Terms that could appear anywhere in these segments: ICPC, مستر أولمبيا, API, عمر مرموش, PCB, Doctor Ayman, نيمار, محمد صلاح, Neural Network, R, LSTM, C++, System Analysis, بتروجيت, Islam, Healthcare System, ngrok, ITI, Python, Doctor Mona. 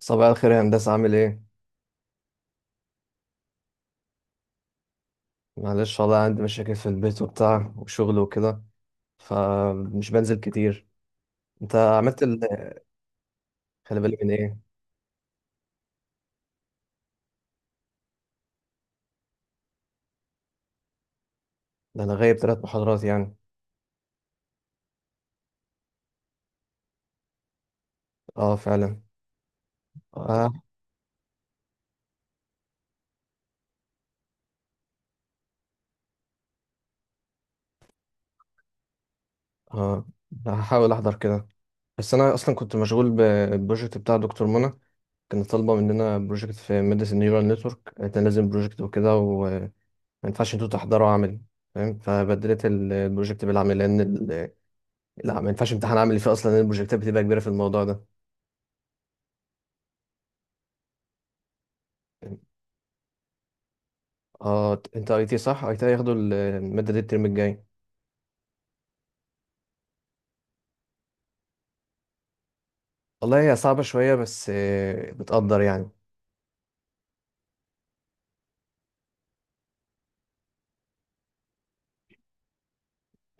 صباح الخير يا هندسة، عامل ايه؟ معلش والله، عندي مشاكل في البيت وبتاع وشغل وكده، فمش بنزل كتير. انت عملت ال... خلي بالك من ايه؟ ده انا غايب ثلاث محاضرات يعني. اه فعلا. اه. اه. هحاول احضر كده، بس انا اصلا كنت مشغول بالبروجكت بتاع دكتور منى. كان طالبة مننا بروجكت في مدرسة النيورال نتورك، قالت لنا لازم بروجكت وكده، وما ينفعش انتوا تحضروا عملي فاهم. فبدلت البروجكت بالعمل لان ال- لا، ما ينفعش امتحان عملي فيه اصلا لان البروجكتات بتبقى كبيره في الموضوع ده. اه انت اي تي صح؟ اي تي هياخدوا المادة دي الترم الجاي. والله هي صعبة شوية، بس بتقدر يعني.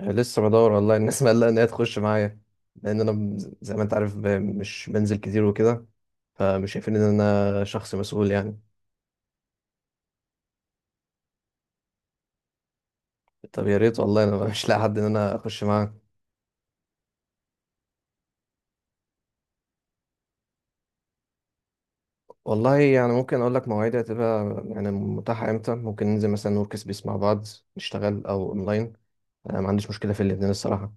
لسه بدور والله الناس مقلقة ان هي تخش معايا، لان انا ب- زي ما انت عارف ب- مش بنزل كتير وكده، فمش شايفين ان انا شخص مسؤول يعني. طب يا ريت والله، انا مش لاقي حد ان انا اخش معاه. والله يعني ممكن اقول لك مواعيدي هتبقى يعني متاحة امتى، ممكن ننزل مثلا ورك سبيس مع بعض نشتغل او اونلاين. انا ما عنديش مشكلة في الاتنين الصراحة،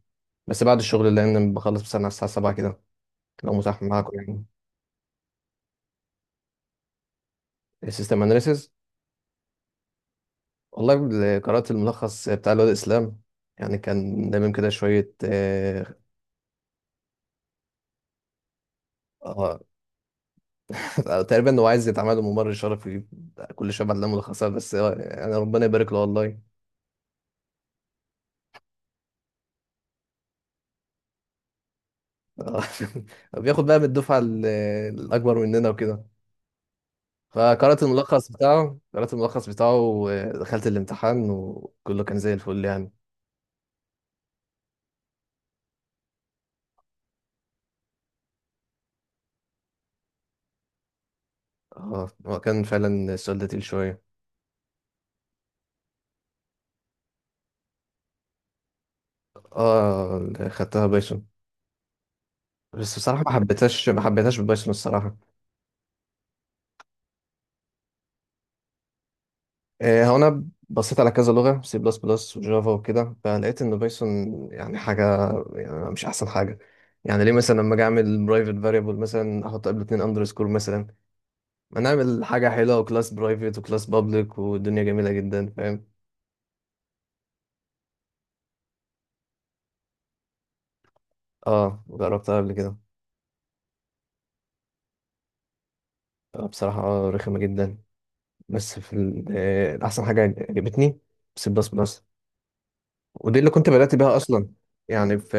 بس بعد الشغل لان بخلص مثلا على الساعة 7 كده، لو متاح معاكم يعني. السيستم اناليسيز. والله اللي قرأت الملخص بتاع الواد اسلام، يعني كان دايما كده شوية آه. آه. تقريبا هو عايز يتعمل له ممر شرفي، كل شوية بعد ملخصات، بس يعني ربنا يبارك له والله. آه. بياخد بقى من الأكبر مننا وكده. فقرأت الملخص بتاعه، ودخلت الامتحان وكله كان زي الفل يعني. اه هو كان فعلا السؤال ده تقيل شوية. اه خدتها بايثون، بس بصراحة ما حبيتهاش بالبايثون الصراحة. هو أنا بصيت على كذا لغة، سي بلس بلس وجافا وكده، فلقيت إن بايثون يعني حاجة، يعني مش أحسن حاجة. يعني ليه مثلا لما أجي أعمل برايفت فاريبل مثلا أحط قبل اتنين أندرسكور مثلا، ما نعمل حاجة حلوة، وكلاس برايفت وكلاس بابليك والدنيا جميلة جدا فاهم. أه جربتها قبل كده. بصراحة رخمة جدا. بس في ال- أحسن حاجة عجبتني سي بلس بلس، ودي اللي كنت بدأت بيها أصلا. يعني في.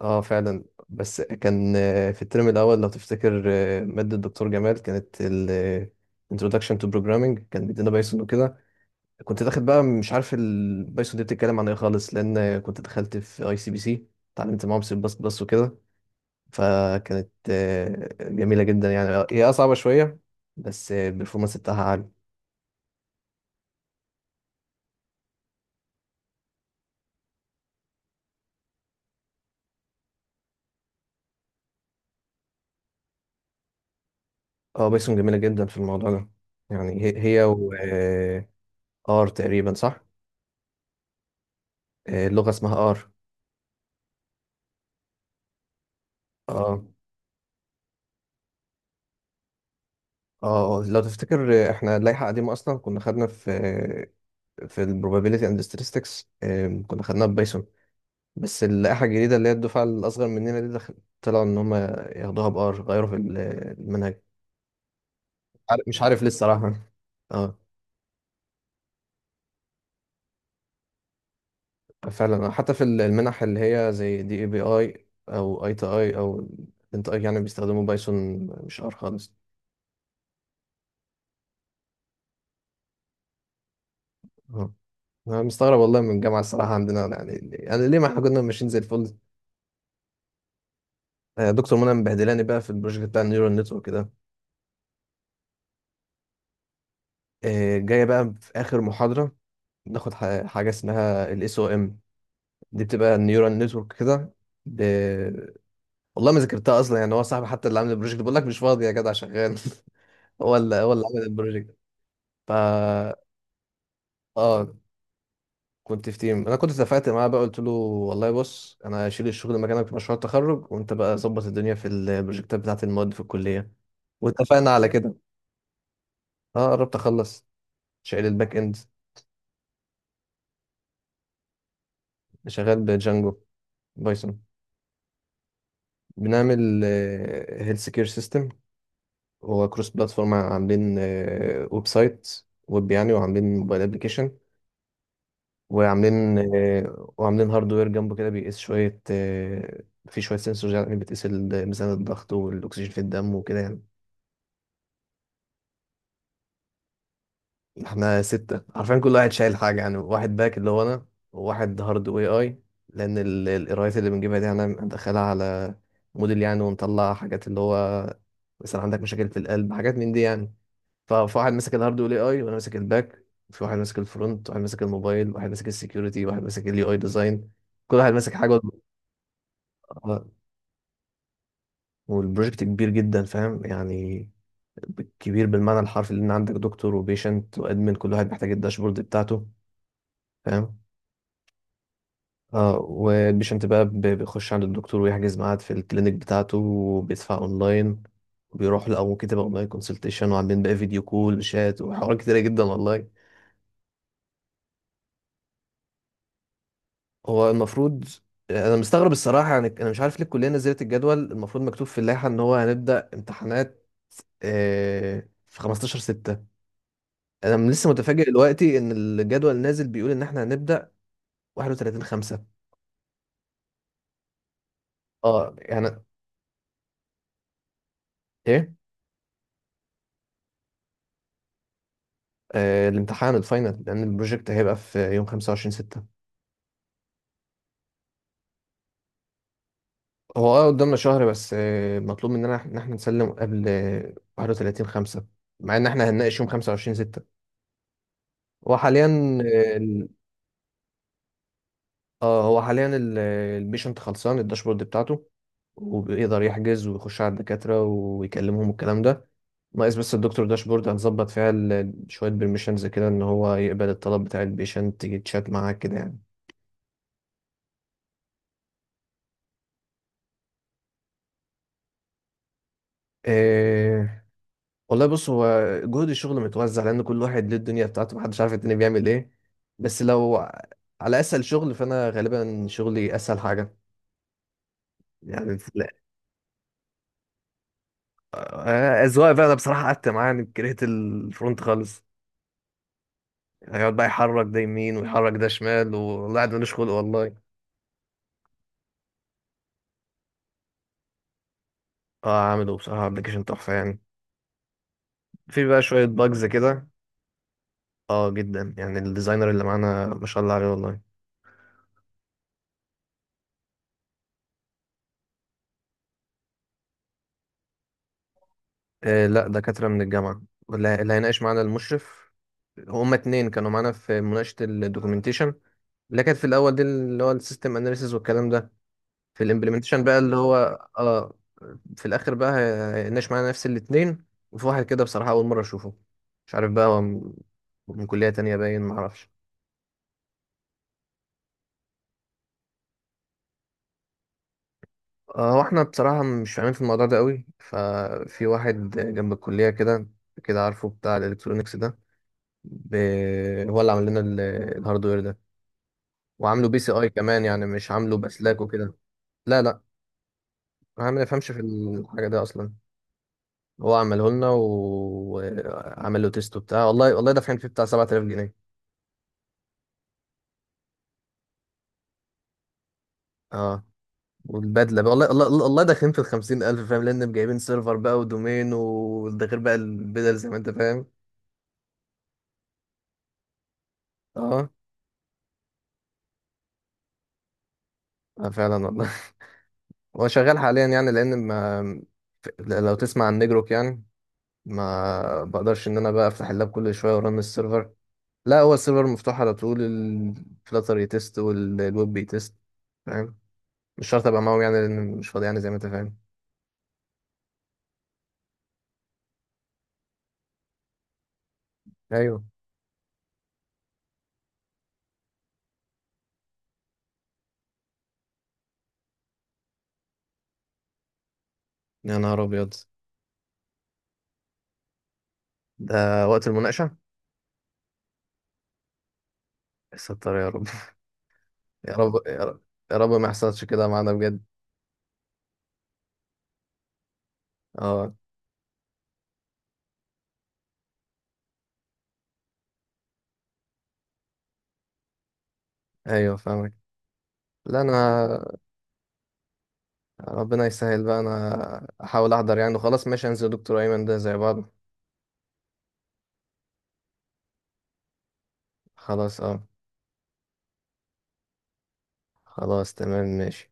اه فعلا. بس كان في الترم الاول لو تفتكر، ماده الدكتور جمال، كانت ال Introduction to Programming، كان بيدينا بايثون وكده. كنت داخل بقى مش عارف البايثون دي بتتكلم عن ايه خالص، لان كنت دخلت في اي سي بي سي، اتعلمت معاهم سي بلس بلس وكده. فكانت جميله جدا يعني. هي آه صعبه شويه، بس البرفورمانس بتاعها عالي. اه بايثون جميله جدا في الموضوع ده. يعني هي و ار تقريبا صح. اللغه اسمها ار. اه. اه. آه. لو تفتكر احنا اللائحه قديمه اصلا، كنا خدنا في في البروبابيليتي اند ستاتستكس، كنا خدناها ببايثون. بس اللائحه الجديده اللي هي الدفعه الاصغر مننا دي، دخل- طلعوا ان هم ياخدوها بار، غيروا في المنهج. عار- مش عارف ليه الصراحه. اه فعلا. حتى في ال- المنح اللي هي زي دي اي بي اي او اي تي اي او، انت اي يعني، بيستخدموا بايثون مش ار خالص. اه انا مستغرب والله من الجامعه الصراحه عندنا يعني، يعني ليه، ما احنا كنا ماشيين زي الفل. دكتور منى مبهدلاني بقى في البروجكت بتاع النيورال نتورك ده. جايه بقى في اخر محاضره ناخد ح- حاجه اسمها الاس او ام، دي بتبقى النيورال نتورك كده ب... والله ما ذاكرتها اصلا يعني. هو صاحبي حتى اللي عامل البروجكت، بقول لك مش فاضي يا جدع، شغال هو اللي عامل البروجكت. ف. اه كنت في تيم، انا كنت اتفقت معاه بقى، قلت له والله بص، انا هشيل الشغل مكانك في مشروع التخرج، وانت بقى ظبط الدنيا في البروجكتات بتاعت المواد في الكليه، واتفقنا على كده. اه قربت اخلص، شايل الباك اند، شغال بجانجو بايثون. بنعمل هيلث كير سيستم. هو كروس بلاتفورم، عاملين ويب سايت، ويب يعني، وعاملين موبايل ابلكيشن، وعاملين وعاملين هاردوير جنبه كده، بيقيس شوية آه، في شوية سنسورز يعني، بتقيس ميزان الضغط والأكسجين في الدم وكده يعني. احنا ستة، عارفين كل واحد شايل حاجة يعني. واحد باك اللي هو أنا، وواحد هارد واي اي، لأن القرايات اللي بنجيبها دي أنا مدخلها على موديل يعني، ونطلع حاجات اللي هو مثلا عندك مشاكل في القلب، حاجات من دي يعني. ف- فواحد ماسك الهارد والاي اي، وأنا ماسك الباك، في واحد ماسك الفرونت، واحد ماسك الموبايل، واحد ماسك السكيورتي، واحد ماسك اليو اي ديزاين، كل واحد ماسك حاجة. آه، والبروجكت كبير جدا فاهم يعني، كبير بالمعنى الحرفي، لأن عندك دكتور وبيشنت وأدمن، كل واحد محتاج الداشبورد بتاعته فاهم. اه والبيشنت بقى ب- بيخش عند الدكتور، ويحجز ميعاد في الكلينيك بتاعته، وبيدفع اونلاين، وبيروح له، او ممكن تبقى اونلاين كونسلتيشن، وعاملين بقى فيديو كول وشات وحوارات كتيره جدا والله. هو المفروض. انا مستغرب الصراحه يعني. انا مش عارف ليه الكليه نزلت الجدول. المفروض مكتوب في اللائحه ان هو هنبدا امتحانات في 15/6. انا لسه متفاجئ دلوقتي ان الجدول نازل بيقول ان احنا هنبدا 31/5. اه يعني، ايه. الامتحان الفاينل، لان البروجكت هيبقى في يوم 25/6. هو اه قدامنا شهر، بس مطلوب مننا إح- ان احنا نسلم قبل آه، 31/5، مع ان احنا هنناقش يوم 25/6. هو حاليا اه ال- هو حاليا البيشنت خلصان الداشبورد بتاعته، وبيقدر يحجز ويخش على الدكاترة ويكلمهم والكلام ده. ناقص بس الدكتور داشبورد هنظبط فيها شوية بيرميشنز كده، ان هو يقبل الطلب بتاع البيشنت، يجي تشات معاه كده يعني. آه، والله بص، هو جهد الشغل متوزع، لان كل واحد ليه الدنيا بتاعته، محدش عارف التاني بيعمل ايه. بس لو على اسهل شغل، فانا غالبا شغلي اسهل حاجه يعني. لا. اذواق بقى. انا بصراحه قعدت معاه، يعني كرهت الفرونت خالص. هيقعد بقى يحرك ده يمين ويحرك ده شمال، والله قاعد ملوش خلق والله. اه عامله بصراحه ابلكيشن تحفه يعني، في بقى شويه باجز كده. اه جدا يعني، الديزاينر اللي معانا ما شاء الله عليه والله. آه لا، دكاترة من الجامعة. واللي هيناقش معانا المشرف، هما اتنين كانوا معانا في مناقشة الدوكيومنتيشن اللي كانت في الأول دي اللي هو السيستم أناليسيز والكلام ده. في الإمبلمنتيشن بقى اللي هو. اه. في الآخر بقى هي- هيناقش معانا نفس الاتنين، وفي واحد كده بصراحة أول مرة أشوفه، مش عارف بقى هو من من كلية تانية باين معرفش. هو احنا بصراحة مش فاهمين في الموضوع ده قوي، ففي واحد جنب الكلية كده، كده عارفه بتاع الإلكترونيكس ده ب... هو اللي عمل لنا الهاردوير ده، وعامله بي سي اي كمان، يعني مش عامله بسلاك وكده. لا لا، انا ما يفهمش في الحاجه دي اصلا. هو عمله لنا و- وعمل له تيست وبتاع، والله والله دافعين فيه بتاع 7000 جنيه. اه والبدله بقى، والله والله، داخلين في ال 50000 فاهم، لان جايبين سيرفر بقى ودومين، وده غير بقى البدل زي ما انت فاهم. اه. آه فعلا والله. هو شغال حاليا يعني، لان ما لو تسمع عن نجروك يعني، ما بقدرش ان انا بقى افتح اللاب كل شويه ورن السيرفر. لا هو السيرفر مفتوح على طول، الفلاتر يتست والويب بيتست فاهم. مش شرط ابقى معاهم يعني، لان مش فاضي يعني زي ما انت فاهم. ايوه. يا نهار ابيض. ده وقت المناقشه؟ ستر يا رب. يا رب يا رب، يا رب ما يحصلش كده معانا بجد. اه. ايوه فاهمك. لا انا، ربنا يسهل بقى، انا احاول احضر يعني وخلاص ماشي، انزل دكتور ايمن ده زي بعض. خلاص اه. خلاص تمام ماشي.